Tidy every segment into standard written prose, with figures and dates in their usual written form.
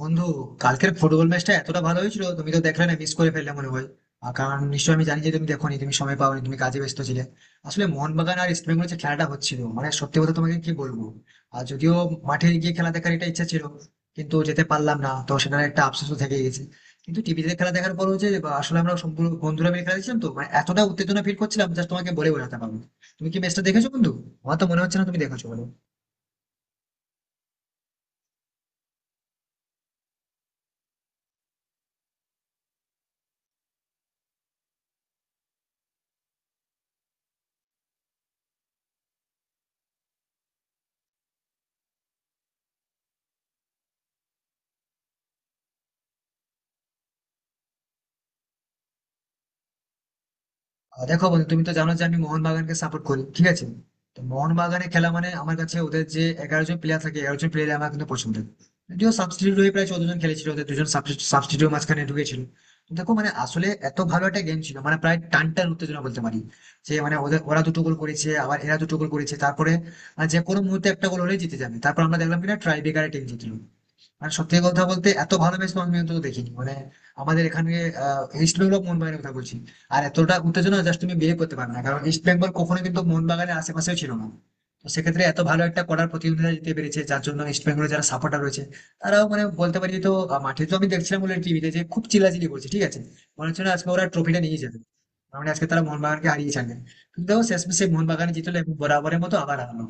বন্ধু, কালকের ফুটবল ম্যাচটা এতটা ভালো হয়েছিল তুমি তো দেখলে না, মিস করে ফেললে মনে হয়। আর কারণ নিশ্চয়ই আমি জানি যে তুমি দেখোনি, তুমি সময় পাওনি, তুমি কাজে ব্যস্ত ছিলে। আসলে মোহনবাগান আর ইস্ট বেঙ্গলের যে খেলাটা হচ্ছিল, মানে সত্যি কথা তোমাকে কি বলবো, আর যদিও মাঠে গিয়ে খেলা দেখার একটা ইচ্ছা ছিল, কিন্তু যেতে পারলাম না, তো সেটার একটা আফসোসও থেকে গেছে। কিন্তু টিভিতে খেলা দেখার পর হচ্ছে, আসলে আমরা সম্পূর্ণ বন্ধুরা মিলে খেলা দেখছিলাম, তো মানে এতটা উত্তেজনা ফিল করছিলাম জাস্ট তোমাকে বলে বোঝাতে পারবো না। তুমি কি ম্যাচটা দেখেছো বন্ধু? আমার তো মনে হচ্ছে না তুমি দেখেছো, বলো। দেখো বন্ধু, তুমি তো জানো যে আমি মোহনবাগানকে সাপোর্ট করি, ঠিক আছে। তো মোহনবাগানে খেলা মানে আমার কাছে ওদের যে 11 জন প্লেয়ার থাকে, 11 জন প্লেয়ার আমার কিন্তু পছন্দ। যদিও সাবস্টিটিউট হয়ে প্রায় 14 জন খেলেছিল, ওদের দুজন সাবস্টিটিউট মাঝখানে ঢুকেছিল। তো দেখো মানে আসলে এত ভালো একটা গেম ছিল, মানে প্রায় টান টান উত্তেজনা বলতে পারি। যে মানে ওদের ওরা দুটো গোল করেছে আবার এরা দুটো গোল করেছে, তারপরে যে কোনো মুহূর্তে একটা গোল হলে জিতে যাবে, তারপর আমরা দেখলাম কিনা ট্রাই ব্রেকারে টিম জিতলো। মানে সত্যি কথা বলতে এত ভালোবেসে তোমাকে আমি অন্তত দেখিনি মানে, আমাদের এখানে ইস্ট বেঙ্গল মোহনবাগানের কথা বলছি। আর এতটা উত্তেজনা জাস্ট তুমি বিয়ে করতে পারবে না, কারণ ইস্ট বেঙ্গল কখনো কিন্তু মোহনবাগানের আশেপাশেও ছিল না। তো সেক্ষেত্রে এত ভালো একটা করার প্রতিযোগিতা জিতে পেরেছে, যার জন্য ইস্ট বেঙ্গলের যারা সাপোর্টার রয়েছে তারাও মানে বলতে পারি, তো মাঠে তো আমি দেখছিলাম বলে টিভিতে যে খুব চিল্লাচিল্লি করছে, ঠিক আছে। মনে হচ্ছে না আজকে ওরা ট্রফিটা নিয়ে যাবে, মানে আজকে তারা মোহনবাগানকে হারিয়ে ছাড়বে। কিন্তু দেখো শেষমেশে মোহনবাগান জিতলো এবং বরাবরের মতো আবার হারালো।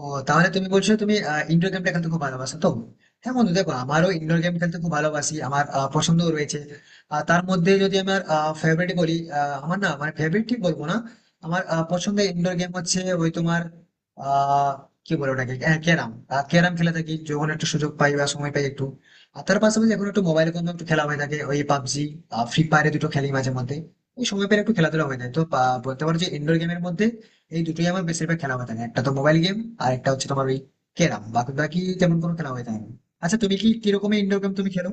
ও, তাহলে তুমি বলছো তুমি ইনডোর গেমটা খেলতে খুব ভালোবাসো, তো হ্যাঁ বন্ধু দেখো, আমারও ইনডোর গেম খেলতে খুব ভালোবাসি, আমার পছন্দও রয়েছে। আর তার মধ্যে যদি আমার ফেভারিট বলি, আমার না মানে ফেভারিট ঠিক বলবো না, আমার পছন্দের ইনডোর গেম হচ্ছে ওই তোমার আহ কি বলে ওটাকে, ক্যারাম। ক্যারাম খেলে থাকি যখন একটু সুযোগ পাই বা সময় পাই একটু। আর তার পাশাপাশি এখন একটু মোবাইলে কোনো একটু খেলা হয়ে থাকে, ওই পাবজি, ফ্রি ফায়ারে দুটো খেলি মাঝে মধ্যে। ওই সময় পেলে একটু খেলাধুলা হয়ে যায়, তো বলতে পারো যে ইনডোর গেমের মধ্যে এই দুটোই আমার বেশিরভাগ খেলা হয়ে থাকে, একটা তো মোবাইল গেম আর একটা হচ্ছে তোমার ওই ক্যারাম, বাকি বাকি তেমন কোনো খেলা হয়ে থাকে না। আচ্ছা তুমি কি কিরকমের ইনডোর গেম তুমি খেলো?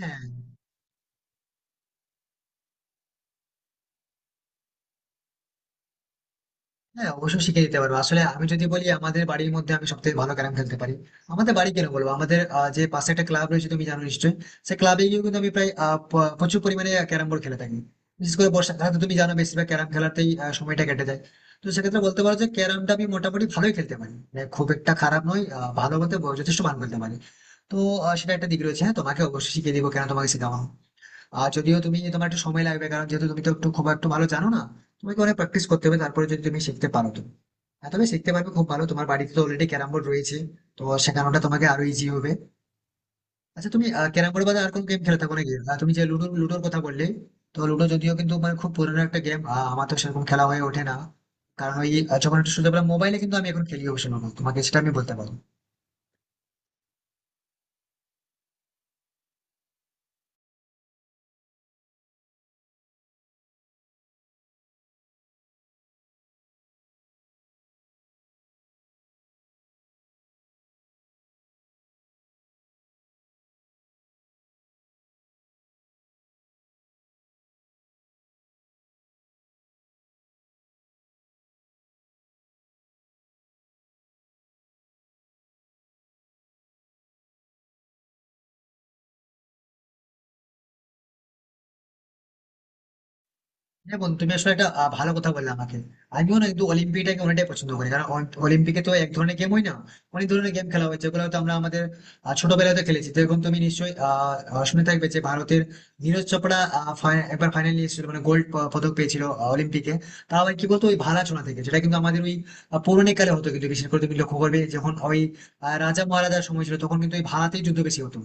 হ্যাঁ, অবশ্যই শিখিয়ে দিতে পারবো। আসলে আমি যদি বলি আমাদের বাড়ির মধ্যে আমি সব থেকে ভালো ক্যারাম খেলতে পারি। আমাদের বাড়ি কেন বলবো, আমাদের যে পাশে একটা ক্লাব রয়েছে তুমি জানো নিশ্চয়ই, সেই ক্লাবে গিয়ে কিন্তু আমি প্রায় প্রচুর পরিমাণে ক্যারাম বোর্ড খেলে থাকি। বিশেষ করে বর্ষাকালে তো তুমি জানো বেশিরভাগ ক্যারাম খেলাতেই সময়টা কেটে যায়। তো সেক্ষেত্রে বলতে পারো যে ক্যারামটা আমি মোটামুটি ভালোই খেলতে পারি, মানে খুব একটা খারাপ নয়, ভালো বলতে যথেষ্ট ভালো খেলতে পারি। তো সেটা একটা দিক রয়েছে, হ্যাঁ তোমাকে অবশ্যই শিখিয়ে দিবো, কেন তোমাকে শেখাবো না। আর যদিও তুমি, তোমার একটু সময় লাগবে, কারণ যেহেতু তুমি তো একটু খুব একটু ভালো জানো না, তোমাকে অনেক প্র্যাকটিস করতে হবে, তারপরে যদি তুমি শিখতে পারো তো হ্যাঁ তুমি শিখতে পারবে খুব ভালো। তোমার বাড়িতে তো অলরেডি ক্যারাম বোর্ড রয়েছে, তো শেখানোটা তোমাকে আরো ইজি হবে। আচ্ছা তুমি ক্যারাম বোর্ড বাদে আর কোন গেম খেলে থাকো নাকি? তুমি যে লুডোর কথা বললে, তো লুডো যদিও কিন্তু মানে খুব পুরোনো একটা গেম, আমার তো সেরকম খেলা হয়ে ওঠে না। কারণ ওই যখন একটু সুযোগ পেলাম মোবাইলে, কিন্তু আমি এখন খেলি অবশ্য লুডো, তোমাকে সেটা আমি বলতে পারবো। হ্যাঁ বন্ধু তুমি আসলে একটা ভালো কথা বললে আমাকে। আমিও না কিন্তু অলিম্পিকটাকে অনেকটাই পছন্দ করি, কারণ অলিম্পিকে তো এক ধরনের গেম হয় না, অনেক ধরনের গেম খেলা হয়, যেগুলো হয়তো আমরা আমাদের ছোটবেলায় তো খেলেছি। যেরকম তুমি নিশ্চয়ই আহ, আহ, শুনে থাকবে যে ভারতের নীরজ চোপড়া একবার ফাইনাল এসেছিল, মানে গোল্ড পদক পেয়েছিল অলিম্পিকে। তাও আবার কি বলতো ওই ভালা ছোঁড়া থেকে, যেটা কিন্তু আমাদের ওই পৌরাণিক কালে হতো, কিন্তু বিশেষ করে তুমি লক্ষ্য করবে যখন ওই রাজা মহারাজার সময় ছিল তখন কিন্তু ওই ভালাতেই যুদ্ধ বেশি হতো।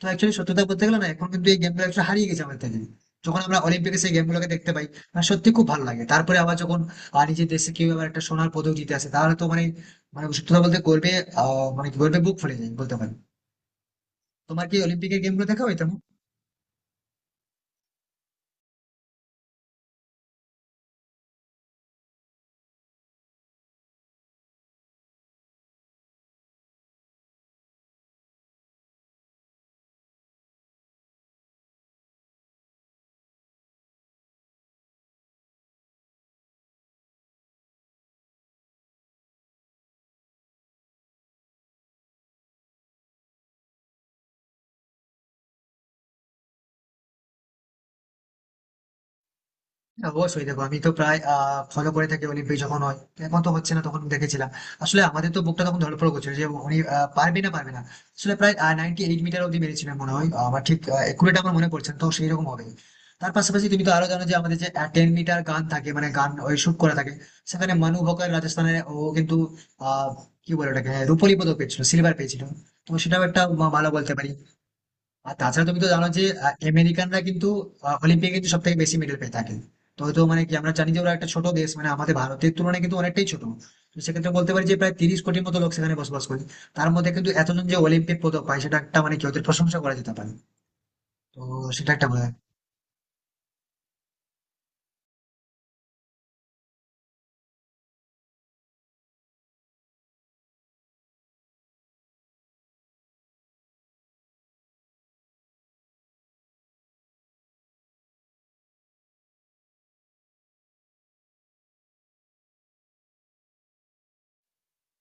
তো অ্যাকচুয়ালি সত্যতা বলতে গেলে না, এখন কিন্তু এই গেমগুলো হারিয়ে গেছে আমাদের থেকে। যখন আমরা অলিম্পিকে সেই গেমগুলোকে দেখতে পাই, আর সত্যি খুব ভালো লাগে। তারপরে আবার যখন নিজের দেশে কেউ আবার একটা সোনার পদক জিতে আসে তাহলে তো মানে, মানে সত্যি কথা বলতে গর্বে আহ মানে গর্বে বুক ফুলে যায় বলতে পারি। তোমার কি অলিম্পিকের গেমগুলো দেখা হয় তেমন? হ্যাঁ, অবশ্যই দেখো, আমি তো প্রায় ফলো করে থাকি অলিম্পিক যখন হয়। এখন তো হচ্ছে না, তখন দেখেছিলাম। আসলে আমাদের তো বুকটা তখন ধড়ফড় করছিল যে উনি পারবে না পারবে না। আসলে প্রায় 98 মিটার অব্দি মেরেছিলেন মনে হয়, আমার ঠিক একুরেট আমার মনে পড়ছে না, তো সেই রকম হবে। তার পাশাপাশি তুমি তো আরো জানো যে আমাদের যে 10 মিটার গান থাকে, মানে গান ওই শুট করা থাকে, সেখানে মানু বকার রাজস্থানে, ও কিন্তু আহ কি বলে ওটাকে, হ্যাঁ, রূপোলি পদক পেয়েছিল, সিলভার পেয়েছিল। তো সেটাও একটা ভালো বলতে পারি। আর তাছাড়া তুমি তো জানো যে আমেরিকানরা কিন্তু অলিম্পিকে কিন্তু সব থেকে বেশি মেডেল পেয়ে থাকে। তো হয়তো মানে কি আমরা জানি যে ওরা একটা ছোট দেশ, মানে আমাদের ভারতের তুলনায় কিন্তু অনেকটাই ছোট। তো সেক্ষেত্রে বলতে পারি যে প্রায় 30 কোটির মতো লোক সেখানে বসবাস করে, তার মধ্যে কিন্তু এতজন যে অলিম্পিক পদক পায়, সেটা একটা মানে কি ওদের প্রশংসা করা যেতে পারে। তো সেটা একটা বলে।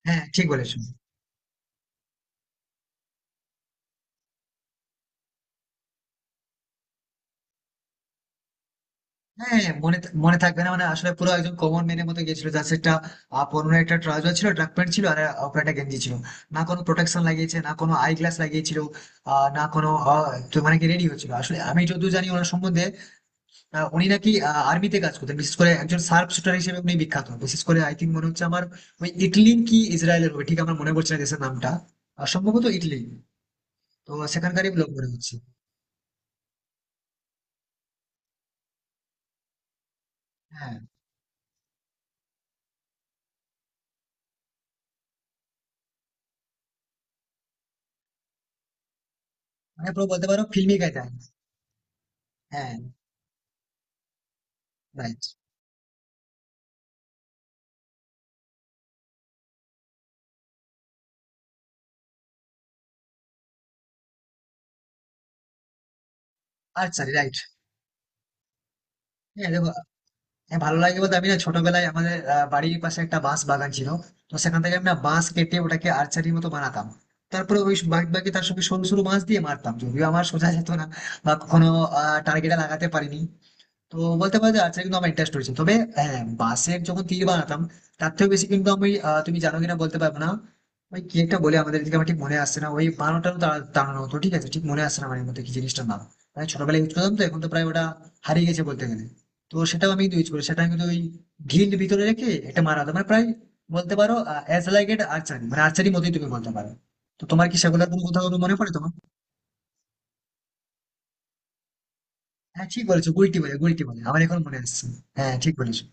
হ্যাঁ ঠিক বলেছো। হ্যাঁ মনে থাকবে না, মানে আসলে পুরো একজন কমন ম্যানের মতো গেছিল, যার একটা পুরোনো একটা ট্রাউজার ছিল, ট্রাক প্যান্ট ছিল, আর উপরে একটা গেঞ্জি ছিল। না কোনো প্রোটেকশন লাগিয়েছে, না কোনো আই গ্লাস লাগিয়েছিল, আহ, না কোনো আহ, তো মানে কি রেডি হচ্ছিল। আসলে আমি যতদূর জানি ওনার সম্বন্ধে, উনি নাকি আর্মিতে কাজ করতেন, বিশেষ করে একজন শার্প শুটার হিসেবে উনি বিখ্যাত, বিশেষ করে আই থিঙ্ক মনে হচ্ছে আমার, ওই ইটলি কি ইসরায়েলের হবে, ঠিক আমার মনে পড়ছে না দেশের নামটা, সম্ভবত ইটলি। তো সেখানকারই লোক মনে হচ্ছে। হ্যাঁ মানে পুরো বলতে পারো ফিল্মি গাইতে। হ্যাঁ রাইট। আচ্ছা রাইট। হ্যাঁ দেখো, হ্যাঁ, ভালো লাগে বলতে আমি না ছোটবেলায় আমাদের বাড়ির পাশে একটা বাঁশ বাগান ছিল, তো সেখান থেকে আমি না বাঁশ কেটে ওটাকে আর্চারির মতো বানাতাম। তারপরে ওই বাদ বাকি তার সঙ্গে সরু সরু বাঁশ দিয়ে মারতাম, যদিও আমার সোজা যেত না বা কখনো টার্গেটে লাগাতে পারিনি। তো বলতে পারো যে আর্চারি কিন্তু আমার ইন্টারেস্ট রয়েছে, তবে হ্যাঁ বাঁশের যখন তীর বানাতাম তার থেকে বেশি কিন্তু আমি তুমি জানো কিনা বলতে পারবো না, ওই কি একটা বলে আমাদের এদিকে, আমার ঠিক মনে আসছে না ওই বানোটা টানানো হতো, ঠিক আছে, ঠিক মনে আসছে না মানে মধ্যে কি জিনিসটার নাম, মানে ছোটবেলায় ইউজ করতাম, তো এখন তো প্রায় ওটা হারিয়ে গেছে বলতে গেলে। তো সেটাও আমি ইউজ করি, সেটা কিন্তু ওই ঢিল ভিতরে রেখে এটা মারা হতো, মানে প্রায় বলতে পারো অ্যাজ লাইক এট আর্চারি, মানে আর্চারি মতোই তুমি বলতে পারো। তো তোমার কি সেগুলোর কোনো কোথাও কোনো মনে পড়ে তোমার? হ্যাঁ ঠিক বলেছো, গুলটি বলে, গুলটি বলে আমার এখন মনে আসছে। হ্যাঁ ঠিক বলেছো।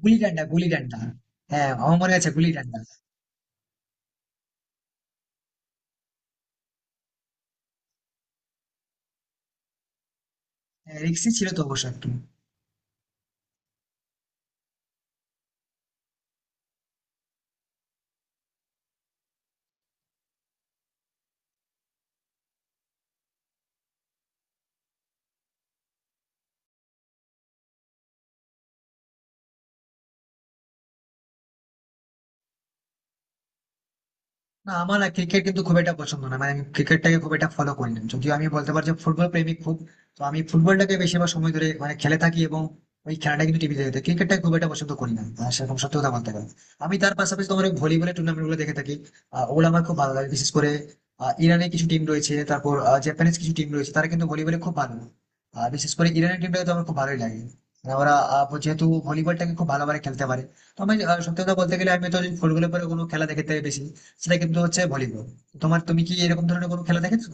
গুলি ডান্ডা গুলি ডান্ডা, হ্যাঁ আমার মনে আছে, গুলি ডান্ডা। হ্যাঁ রিক্সি ছিল তো অবশ্য একটু। না আমার না ক্রিকেট কিন্তু খুব একটা পছন্দ না, মানে আমি ক্রিকেটটাকে খুব একটা ফলো করি না, যদিও আমি বলতে পারছি ফুটবল প্রেমিক খুব। তো আমি ফুটবলটাকে বেশিরভাগ সময় ধরে মানে খেলে থাকি, এবং ওই খেলাটা কিন্তু টিভিতে দেখতে, ক্রিকেটটা খুব একটা পছন্দ করি না, আর সেরকম সত্যি কথা বলতে গেলে। আমি তার পাশাপাশি তোমার ওই ভলিবলের টুর্নামেন্ট গুলো দেখে থাকি, ওগুলো আমার খুব ভালো লাগে, বিশেষ করে ইরানের কিছু টিম রয়েছে, তারপর জাপানিজ কিছু টিম রয়েছে, তারা কিন্তু ভলিবলে খুব ভালো। আর বিশেষ করে ইরানের টিমটাকে তো আমার খুব ভালোই লাগে, মানে ওরা যেহেতু ভলিবলটাকে খুব ভালোভাবে খেলতে পারে। তো আমি সত্যি কথা বলতে গেলে আমি তো ফুটবলের পরে কোনো খেলা দেখে থাকি বেশি, সেটা কিন্তু হচ্ছে ভলিবল। তোমার, তুমি কি এরকম ধরনের কোনো খেলা দেখেছো?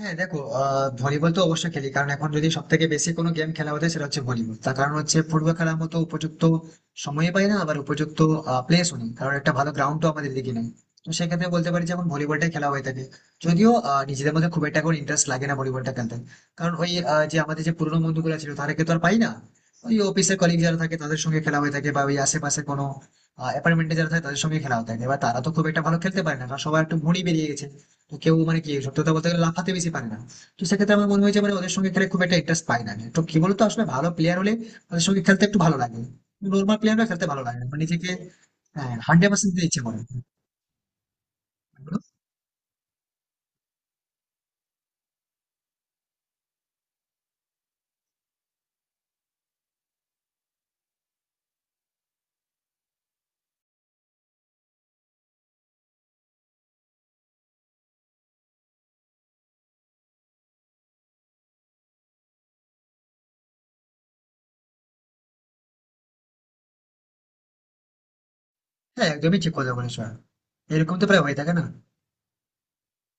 হ্যাঁ দেখো ভলিবল তো অবশ্যই খেলি, কারণ এখন যদি সব থেকে বেশি কোনো গেম খেলা হতো সেটা হচ্ছে ভলিবল। তার কারণ হচ্ছে ফুটবল খেলার মতো উপযুক্ত সময় পাই না, আবার উপযুক্ত প্লেসও নেই, কারণ একটা ভালো গ্রাউন্ড তো আমাদের দিকে নেই। তো সেক্ষেত্রে বলতে পারি যে এখন ভলিবলটাই খেলা হয়ে থাকে। যদিও নিজেদের মধ্যে খুব একটা কোনো ইন্টারেস্ট লাগে না ভলিবলটা খেলতে, কারণ ওই যে আমাদের যে পুরোনো বন্ধুগুলো ছিল তাদেরকে তো আর পাই না। ওই অফিসের কলিগ যারা থাকে তাদের সঙ্গে খেলা হয়ে থাকে, বা ওই আশেপাশে কোনো অ্যাপার্টমেন্টে যারা থাকে তাদের সঙ্গে খেলা হয়ে থাকে। এবার তারা তো খুব একটা ভালো খেলতে পারে না, কারণ সবার একটু ভুঁড়ি বেরিয়ে গেছে, তো কেউ মানে কি সত্যি কথা বলতে গেলে লাফাতে বেশি পারে না। তো সেক্ষেত্রে আমার মনে হয়েছে মানে ওদের সঙ্গে খেলে খুব একটা ইন্টারেস্ট পাই না আমি। তো কি বলতো আসলে ভালো প্লেয়ার হলে ওদের সঙ্গে খেলতে একটু ভালো লাগে, নর্মাল প্লেয়াররা খেলতে ভালো লাগে না, মানে নিজেকে 100% দিতে ইচ্ছে করে না। হ্যাঁ একদমই ঠিক কথা বলেছো, এরকম তো প্রায় হয়ে থাকে না।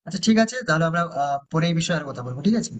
আচ্ছা ঠিক আছে, তাহলে আমরা পরে এই বিষয়ে আর কথা বলবো, ঠিক আছে।